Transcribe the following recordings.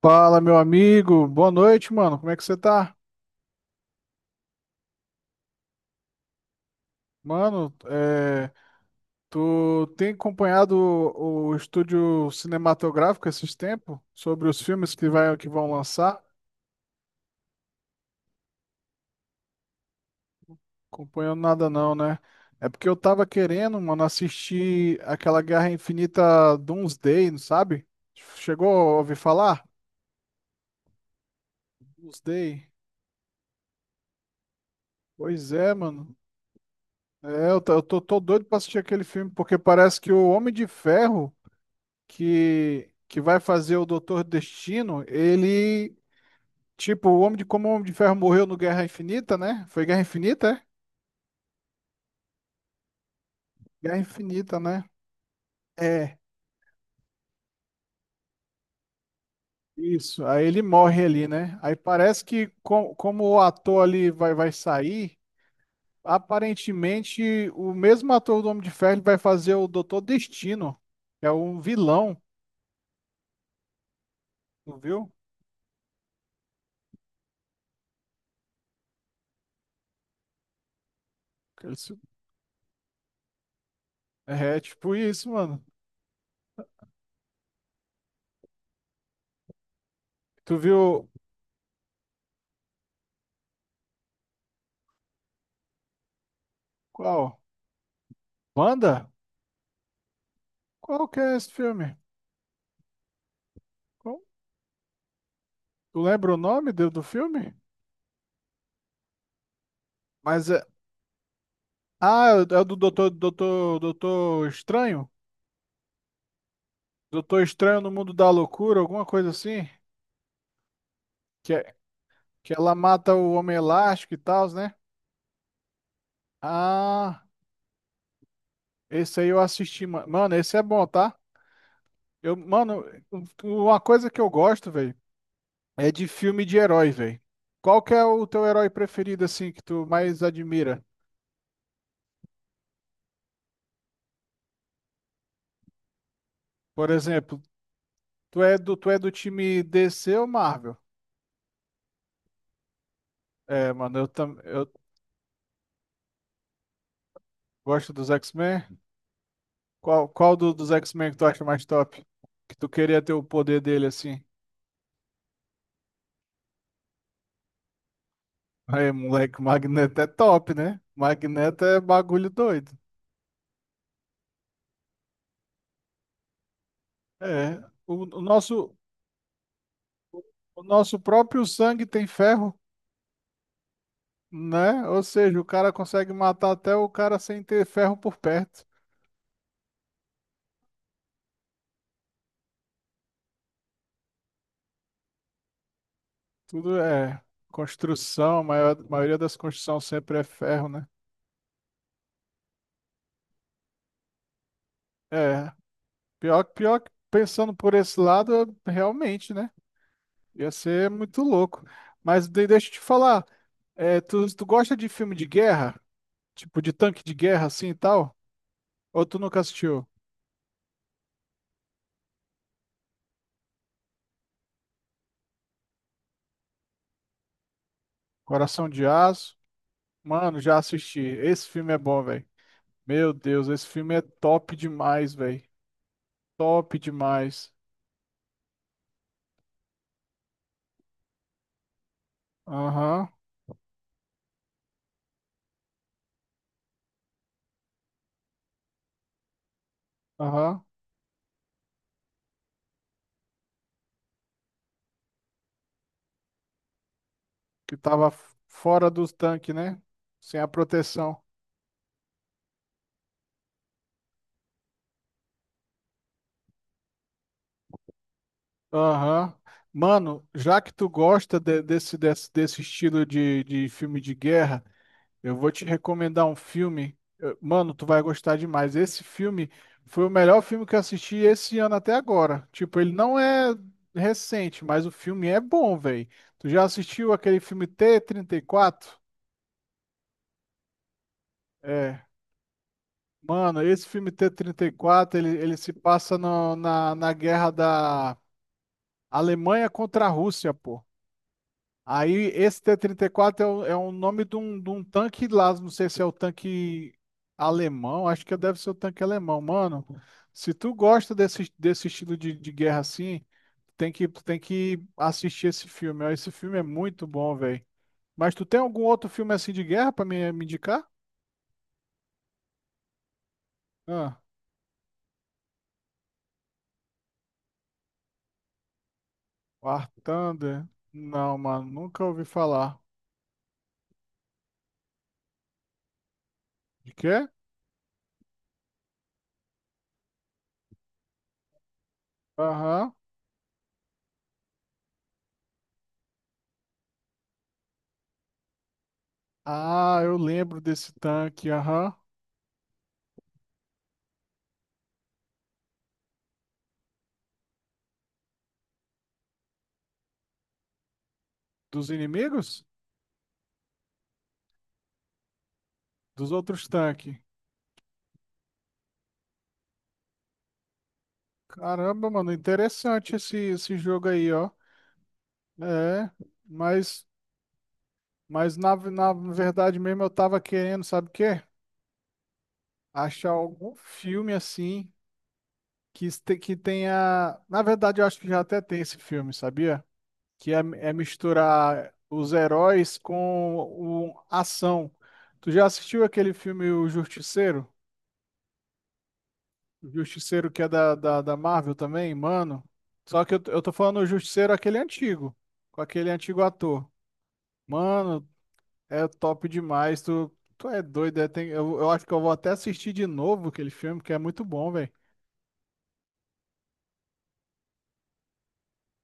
Fala, meu amigo. Boa noite, mano. Como é que você tá? Mano, é, tu tem acompanhado o estúdio cinematográfico esses tempos? Sobre os filmes que vão lançar? Acompanhando nada não, né? É porque eu tava querendo, mano, assistir aquela Guerra Infinita Doomsday, não sabe? Chegou a ouvir falar? Doomsday. Pois é, mano. É, eu tô doido pra assistir aquele filme, porque parece que o Homem de Ferro que vai fazer o Doutor Destino, ele, tipo, o Homem de como o Homem de Ferro morreu no Guerra Infinita, né? Foi Guerra Infinita, é? Guerra Infinita, né? É, isso. Aí ele morre ali, né? Aí parece que como o ator ali vai sair, aparentemente o mesmo ator do Homem de Ferro ele vai fazer o Doutor Destino, que é um vilão, tu viu? Que ele se- É, tipo isso, mano. Tu viu qual? Wanda? Qual que é esse filme? Tu lembra o nome do filme? Mas é. Ah, é o é o do Doutor Estranho? Doutor Estranho no Mundo da Loucura, alguma coisa assim? Que, é- que ela mata o Homem Elástico e tal, né? Ah, esse aí eu assisti, mano. Esse é bom, tá? Eu, mano, uma coisa que eu gosto, velho, é de filme de herói, velho. Qual que é o teu herói preferido, assim, que tu mais admira? Por exemplo, tu é do time DC ou Marvel? É, mano, eu gosto dos X-Men. Qual dos X-Men que tu acha mais top? Que tu queria ter o poder dele assim? Aí, moleque, o Magneto é top, né? Magneto é bagulho doido. É, o, o nosso, o nosso próprio sangue tem ferro, né? Ou seja, o cara consegue matar até o cara sem ter ferro por perto. Tudo é construção, a maioria das construções sempre é ferro, né? É, pior que pensando por esse lado, realmente, né? Ia ser muito louco. Mas deixa eu te falar. É, tu gosta de filme de guerra? Tipo, de tanque de guerra assim e tal? Ou tu nunca assistiu? Coração de Aço? Mano, já assisti. Esse filme é bom, velho. Meu Deus, esse filme é top demais, velho. Top demais. Aham, aham. Que tava fora dos tanques, né? Sem a proteção. Aham. Mano, já que tu gosta desse estilo de filme de guerra. Eu vou te recomendar um filme. Mano, tu vai gostar demais. Esse filme foi o melhor filme que eu assisti esse ano até agora. Tipo, ele não é recente, mas o filme é bom, velho. Tu já assistiu aquele filme T-34? É. Mano, esse filme T-34, ele, ele se passa na guerra da Alemanha contra a Rússia, pô. Aí esse T-34 é, é o nome de um tanque lá, não sei se é o tanque alemão, acho que deve ser o tanque alemão. Mano, se tu gosta desse estilo de guerra assim, tu tem que assistir esse filme. Ó. Esse filme é muito bom, velho. Mas tu tem algum outro filme assim de guerra pra me indicar? Ah, War Thunder? Não, mano, nunca ouvi falar. De quê? Aham. Ah, eu lembro desse tanque, aham. Dos inimigos? Dos outros tanques. Caramba, mano, interessante esse jogo aí, ó. É, mas, mas na verdade mesmo eu tava querendo, sabe o quê? Achar algum filme assim que tenha. Na verdade, eu acho que já até tem esse filme, sabia? Que é, é misturar os heróis com o, ação. Tu já assistiu aquele filme O Justiceiro? O Justiceiro que é da Marvel também, mano. Só que eu tô falando o Justiceiro aquele antigo, com aquele antigo ator. Mano, é top demais. Tu é doido. É, eu acho que eu vou até assistir de novo aquele filme, que é muito bom, velho.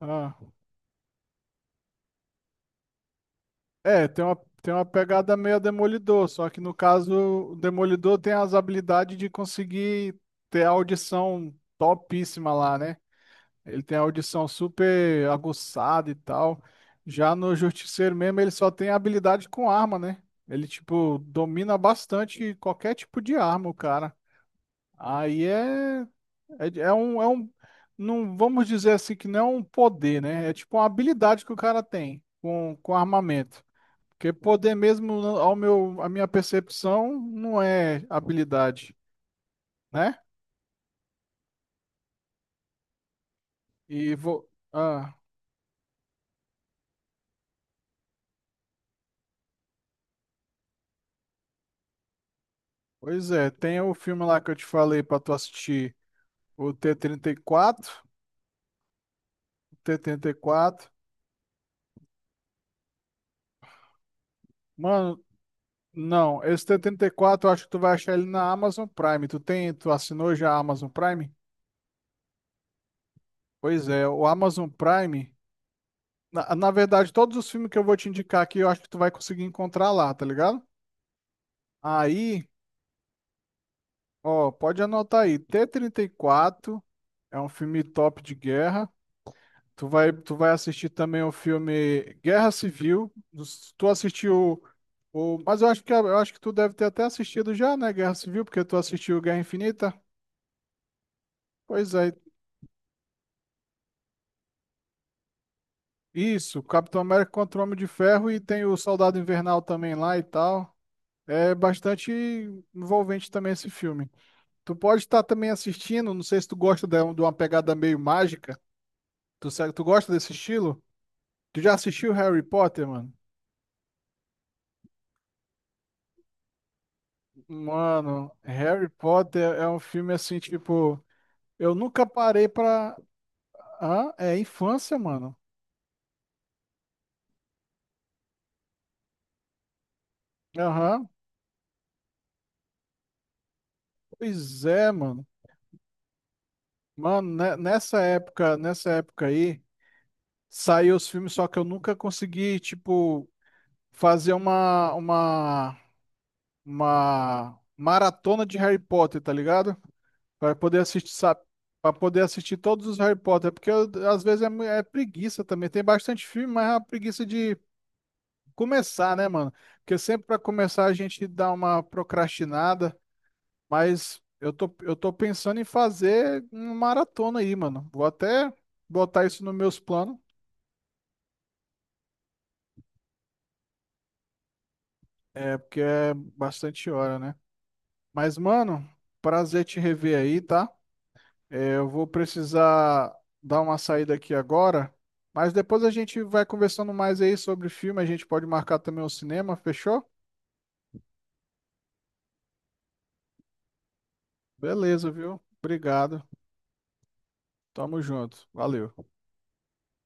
Ah, é, tem uma pegada meio Demolidor, só que no caso, o Demolidor tem as habilidades de conseguir ter a audição topíssima lá, né? Ele tem a audição super aguçada e tal. Já no Justiceiro mesmo, ele só tem habilidade com arma, né? Ele, tipo, domina bastante qualquer tipo de arma, o cara. Aí é. É um, não vamos dizer assim que não é um poder, né? É tipo uma habilidade que o cara tem com armamento. Porque poder mesmo, não- à minha percepção, não é habilidade, né? E vou, ah, Pois é, tem o filme lá que eu te falei pra tu assistir, o T-34, 34. O T-34. Mano, não, esse T-34 34 eu acho que tu vai achar ele na Amazon Prime. Tu assinou já a Amazon Prime? Pois é, o Amazon Prime. Na verdade, todos os filmes que eu vou te indicar aqui, eu acho que tu vai conseguir encontrar lá, tá ligado? Aí, ó, pode anotar aí. T-34 é um filme top de guerra. Tu vai assistir também o filme Guerra Civil. Tu assistiu o, mas eu acho que tu deve ter até assistido já, né? Guerra Civil, porque tu assistiu Guerra Infinita. Pois é, isso, Capitão América contra o Homem de Ferro e tem o Soldado Invernal também lá e tal. É bastante envolvente também esse filme. Tu pode estar também assistindo, não sei se tu gosta de uma pegada meio mágica. Tu, tu gosta desse estilo? Tu já assistiu Harry Potter, mano? Mano, Harry Potter é um filme assim, tipo, eu nunca parei pra. Ah, é infância, mano. Aham. Pois é, mano. Mano, nessa época aí, saiu os filmes, só que eu nunca consegui, tipo, fazer uma maratona de Harry Potter, tá ligado? Para poder assistir, sabe? Para poder assistir todos os Harry Potter, porque às vezes é, é preguiça também. Tem bastante filme, mas é uma preguiça de começar, né, mano? Porque sempre para começar a gente dá uma procrastinada, mas eu tô pensando em fazer uma maratona aí, mano. Vou até botar isso nos meus planos, é porque é bastante hora, né? Mas, mano, prazer te rever aí, tá? É, eu vou precisar dar uma saída aqui agora, mas depois a gente vai conversando mais aí sobre filme. A gente pode marcar também o cinema, fechou? Beleza, viu? Obrigado. Tamo junto. Valeu.